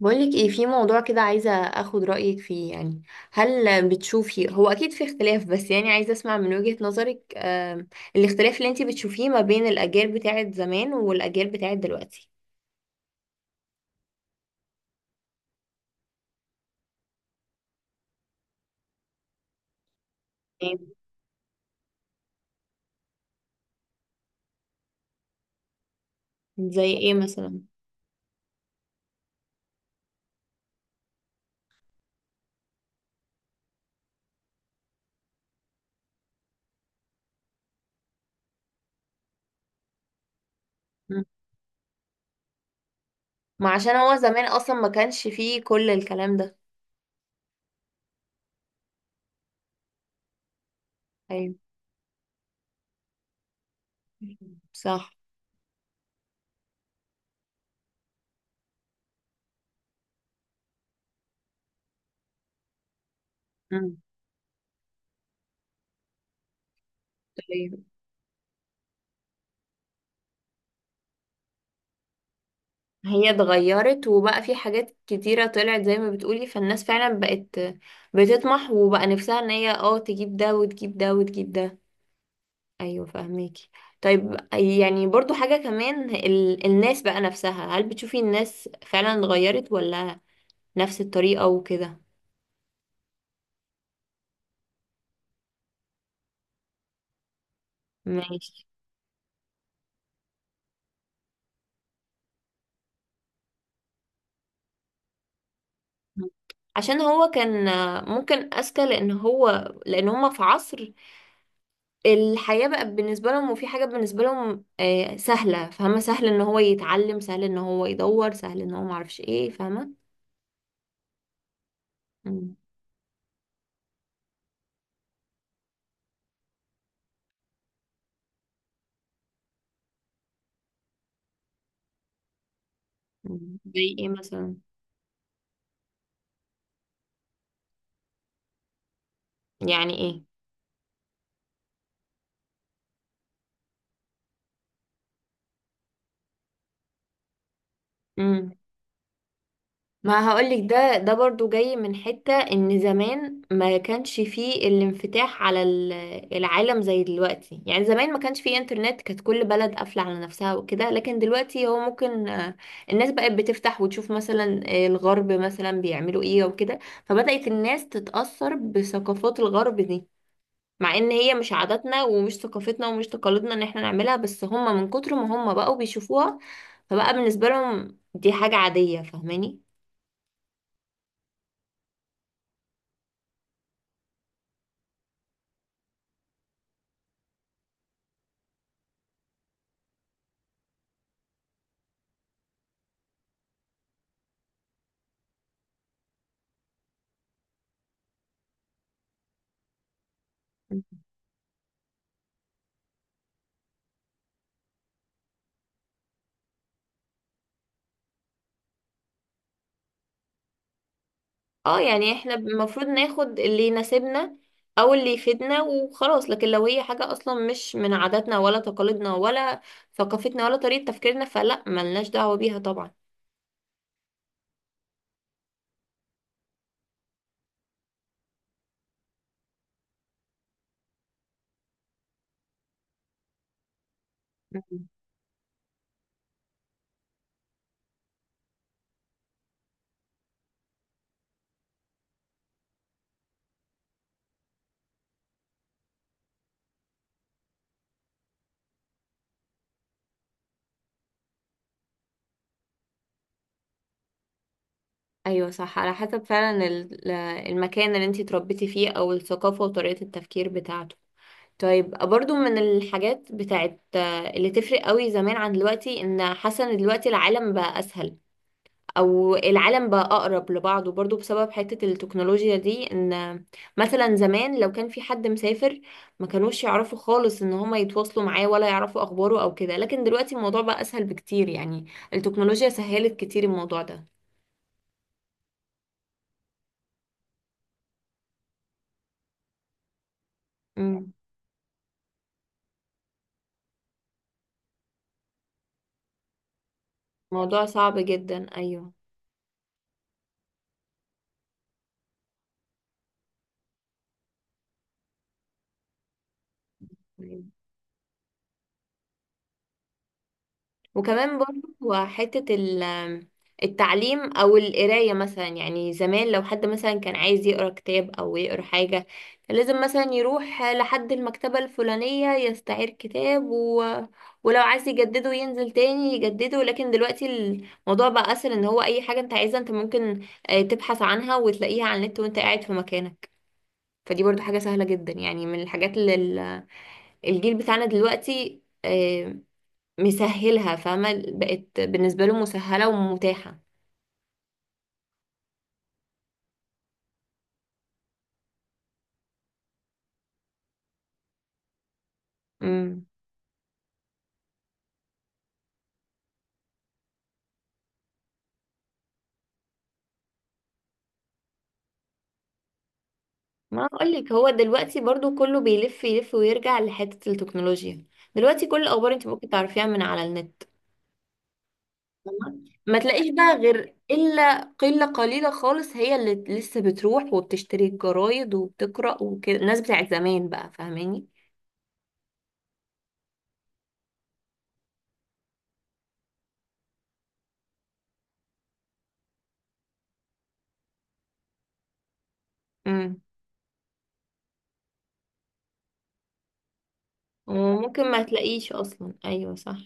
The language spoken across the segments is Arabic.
بقولك ايه؟ في موضوع كده عايزة اخد رأيك فيه يعني. هل بتشوفي؟ هو اكيد في اختلاف، بس يعني عايزة اسمع من وجهة نظرك. الاختلاف اللي انتي بتشوفيه ما بين الاجيال بتاعت زمان والاجيال بتاعت دلوقتي. إيه؟ زي ايه مثلا؟ مم. ما عشان هو زمان اصلا ما كانش فيه كل الكلام ده. ايوه، صح. مم. طيب، هي اتغيرت وبقى في حاجات كتيرة طلعت زي ما بتقولي، فالناس فعلا بقت بتطمح وبقى نفسها ان هي تجيب ده وتجيب ده وتجيب ده. ايوه، فاهميكي. طيب، يعني برضو حاجة كمان الناس بقى نفسها، هل بتشوفي الناس فعلا اتغيرت ولا نفس الطريقة وكده؟ ماشي. عشان هو كان ممكن اذكى، لان هما في عصر، الحياة بقى بالنسبة لهم، وفي حاجة بالنسبة لهم سهلة، فاهمة؟ سهل ان هو يتعلم، سهل ان هو يدور، سهل ان هو معرفش ايه، فاهمة؟ مم. مم. زي ايه مثلا؟ يعني ايه؟ ما هقولك، ده برضو جاي من حتة ان زمان ما كانش فيه الانفتاح على العالم زي دلوقتي، يعني زمان ما كانش فيه انترنت، كانت كل بلد قافلة على نفسها وكده. لكن دلوقتي هو ممكن الناس بقت بتفتح وتشوف مثلا الغرب مثلا بيعملوا ايه وكده. فبدأت الناس تتأثر بثقافات الغرب دي، مع ان هي مش عاداتنا ومش ثقافتنا ومش تقاليدنا ان احنا نعملها، بس هم من كتر ما هم بقوا بيشوفوها فبقى بالنسبة لهم دي حاجة عادية، فاهماني؟ اه، يعني احنا المفروض ناخد اللي يناسبنا او اللي يفيدنا وخلاص، لكن لو هي حاجة اصلا مش من عاداتنا ولا تقاليدنا ولا ثقافتنا ولا طريقة تفكيرنا، فلا، ملناش دعوة بيها طبعا. مم. ايوه، صح، على حسب فعلا المكان اللي انتي اتربيتي فيه او الثقافة وطريقة التفكير بتاعته. طيب، برضو من الحاجات بتاعت اللي تفرق قوي زمان عن دلوقتي، ان حاسه ان دلوقتي العالم بقى اسهل، او العالم بقى اقرب لبعضه، برضو بسبب حتة التكنولوجيا دي. ان مثلا زمان لو كان في حد مسافر ما كانوش يعرفوا خالص ان هما يتواصلوا معاه ولا يعرفوا اخباره او كده، لكن دلوقتي الموضوع بقى اسهل بكتير، يعني التكنولوجيا سهلت كتير الموضوع ده. امم، موضوع صعب جدا، ايوه. وكمان برضو حتة التعليم أو القراية مثلا، يعني زمان لو حد مثلا كان عايز يقرأ كتاب أو يقرأ حاجة، كان لازم مثلا يروح لحد المكتبة الفلانية يستعير كتاب ولو عايز يجدده ينزل تاني يجدده. لكن دلوقتي الموضوع بقى أسهل، إن هو أي حاجة أنت عايزها أنت ممكن تبحث عنها وتلاقيها على النت وأنت قاعد في مكانك. فدي برضو حاجة سهلة جدا يعني، من الحاجات اللي الجيل بتاعنا دلوقتي مسهلها، فاهمة؟ بقت بالنسبة له مسهلة ومتاحة. امم. ما اقولك، هو دلوقتي برضو كله بيلف يلف ويرجع لحتة التكنولوجيا. دلوقتي كل الأخبار انت ممكن تعرفيها من على النت. فاهمة؟ ما تلاقيش بقى غير إلا قلة قليلة خالص، هي اللي لسه بتروح وبتشتري الجرايد وبتقرأ وكده، الناس بتاعت زمان بقى، فاهماني؟ امم، وممكن ما تلاقيش أصلا، أيوة، صح.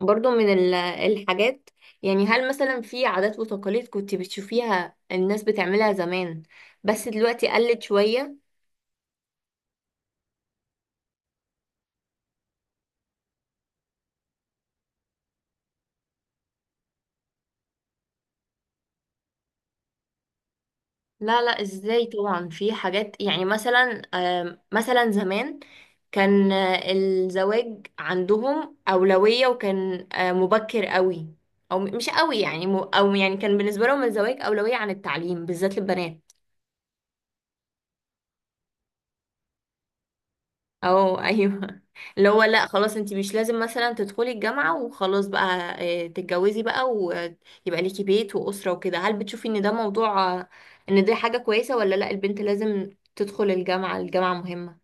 برضو من الحاجات، يعني هل مثلا في عادات وتقاليد كنت بتشوفيها الناس بتعملها زمان بس دلوقتي قلت شوية؟ لا لا، ازاي؟ طبعا في حاجات، يعني مثلا مثلا زمان كان الزواج عندهم أولوية، وكان مبكر قوي. او مش قوي يعني او يعني كان بالنسبة لهم الزواج أولوية عن التعليم بالذات للبنات. اه ايوه، اللي هو لا خلاص، انت مش لازم مثلا تدخلي الجامعة وخلاص بقى تتجوزي بقى ويبقى ليكي بيت وأسرة وكده. هل بتشوفي ان ده موضوع ان دي حاجة كويسة ولا لا؟ البنت لازم تدخل الجامعة، الجامعة مهمة.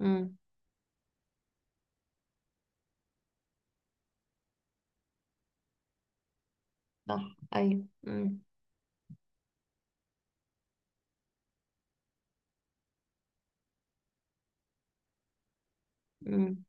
امم. صح، ايوه. امم. امم.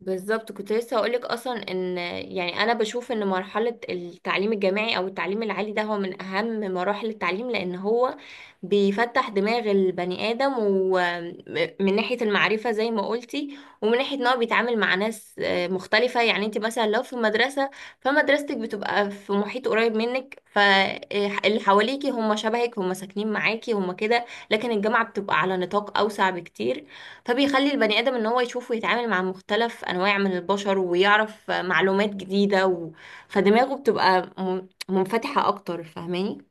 بالظبط، كنت لسه هقولك اصلا ان يعني انا بشوف ان مرحله التعليم الجامعي او التعليم العالي ده هو من اهم مراحل التعليم، لان هو بيفتح دماغ البني ادم، ومن ناحيه المعرفه زي ما قلتي، ومن ناحيه ان هو بيتعامل مع ناس مختلفه. يعني انت مثلا لو في مدرسه، فمدرستك بتبقى في محيط قريب منك، فاللي حواليكي هم شبهك، هم ساكنين معاكي، هم كده. لكن الجامعه بتبقى على نطاق اوسع بكتير، فبيخلي البني آدم ان هو يشوف ويتعامل مع مختلف انواع من البشر ويعرف معلومات جديدة فدماغه بتبقى منفتحة اكتر، فاهماني؟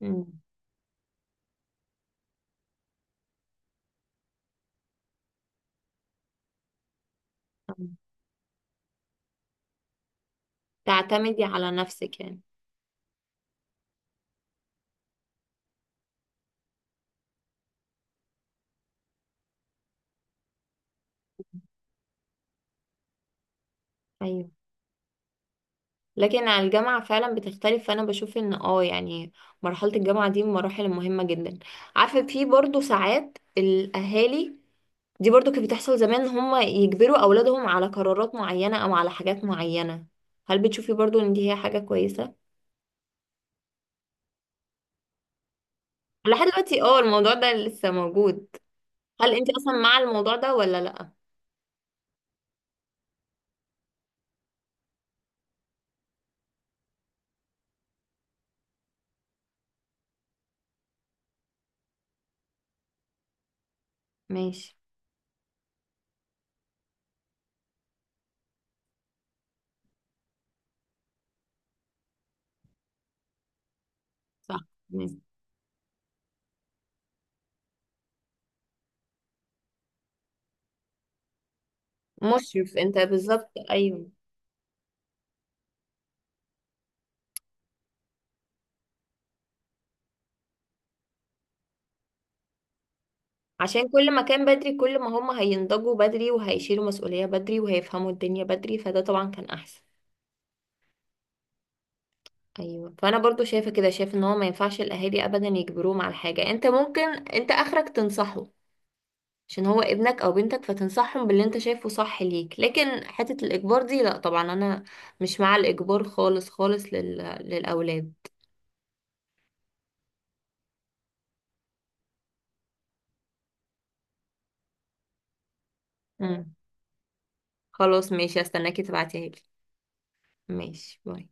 مم. تعتمدي على نفسك يعني. ايوه، لكن على الجامعة فعلا بتختلف، فانا بشوف ان يعني مرحلة الجامعة دي من المراحل المهمة جدا. عارفة، في برضو ساعات الاهالي دي برضو كانت بتحصل زمان، هم يجبروا اولادهم على قرارات معينة او على حاجات معينة، هل بتشوفي برضو ان دي هي حاجة كويسة؟ لحد دلوقتي، اه، الموضوع ده لسه موجود. هل انت اصلا مع الموضوع ده ولا لا؟ ماشي. صح، ماشي. مشرف انت، بالظبط، ايوه. عشان كل ما كان بدري كل ما هم هينضجوا بدري وهيشيلوا مسؤولية بدري وهيفهموا الدنيا بدري، فده طبعا كان احسن. ايوه، فانا برضو شايفة كده، شايفة ان هو ما ينفعش الاهالي ابدا يجبروهم على حاجة. انت ممكن، انت اخرك تنصحه، عشان هو ابنك او بنتك، فتنصحهم باللي انت شايفه صح ليك، لكن حتة الاجبار دي لا طبعا، انا مش مع الاجبار خالص خالص للاولاد. مم. خلاص ماشي، استناكي تبعتيها لي. ماشي، باي.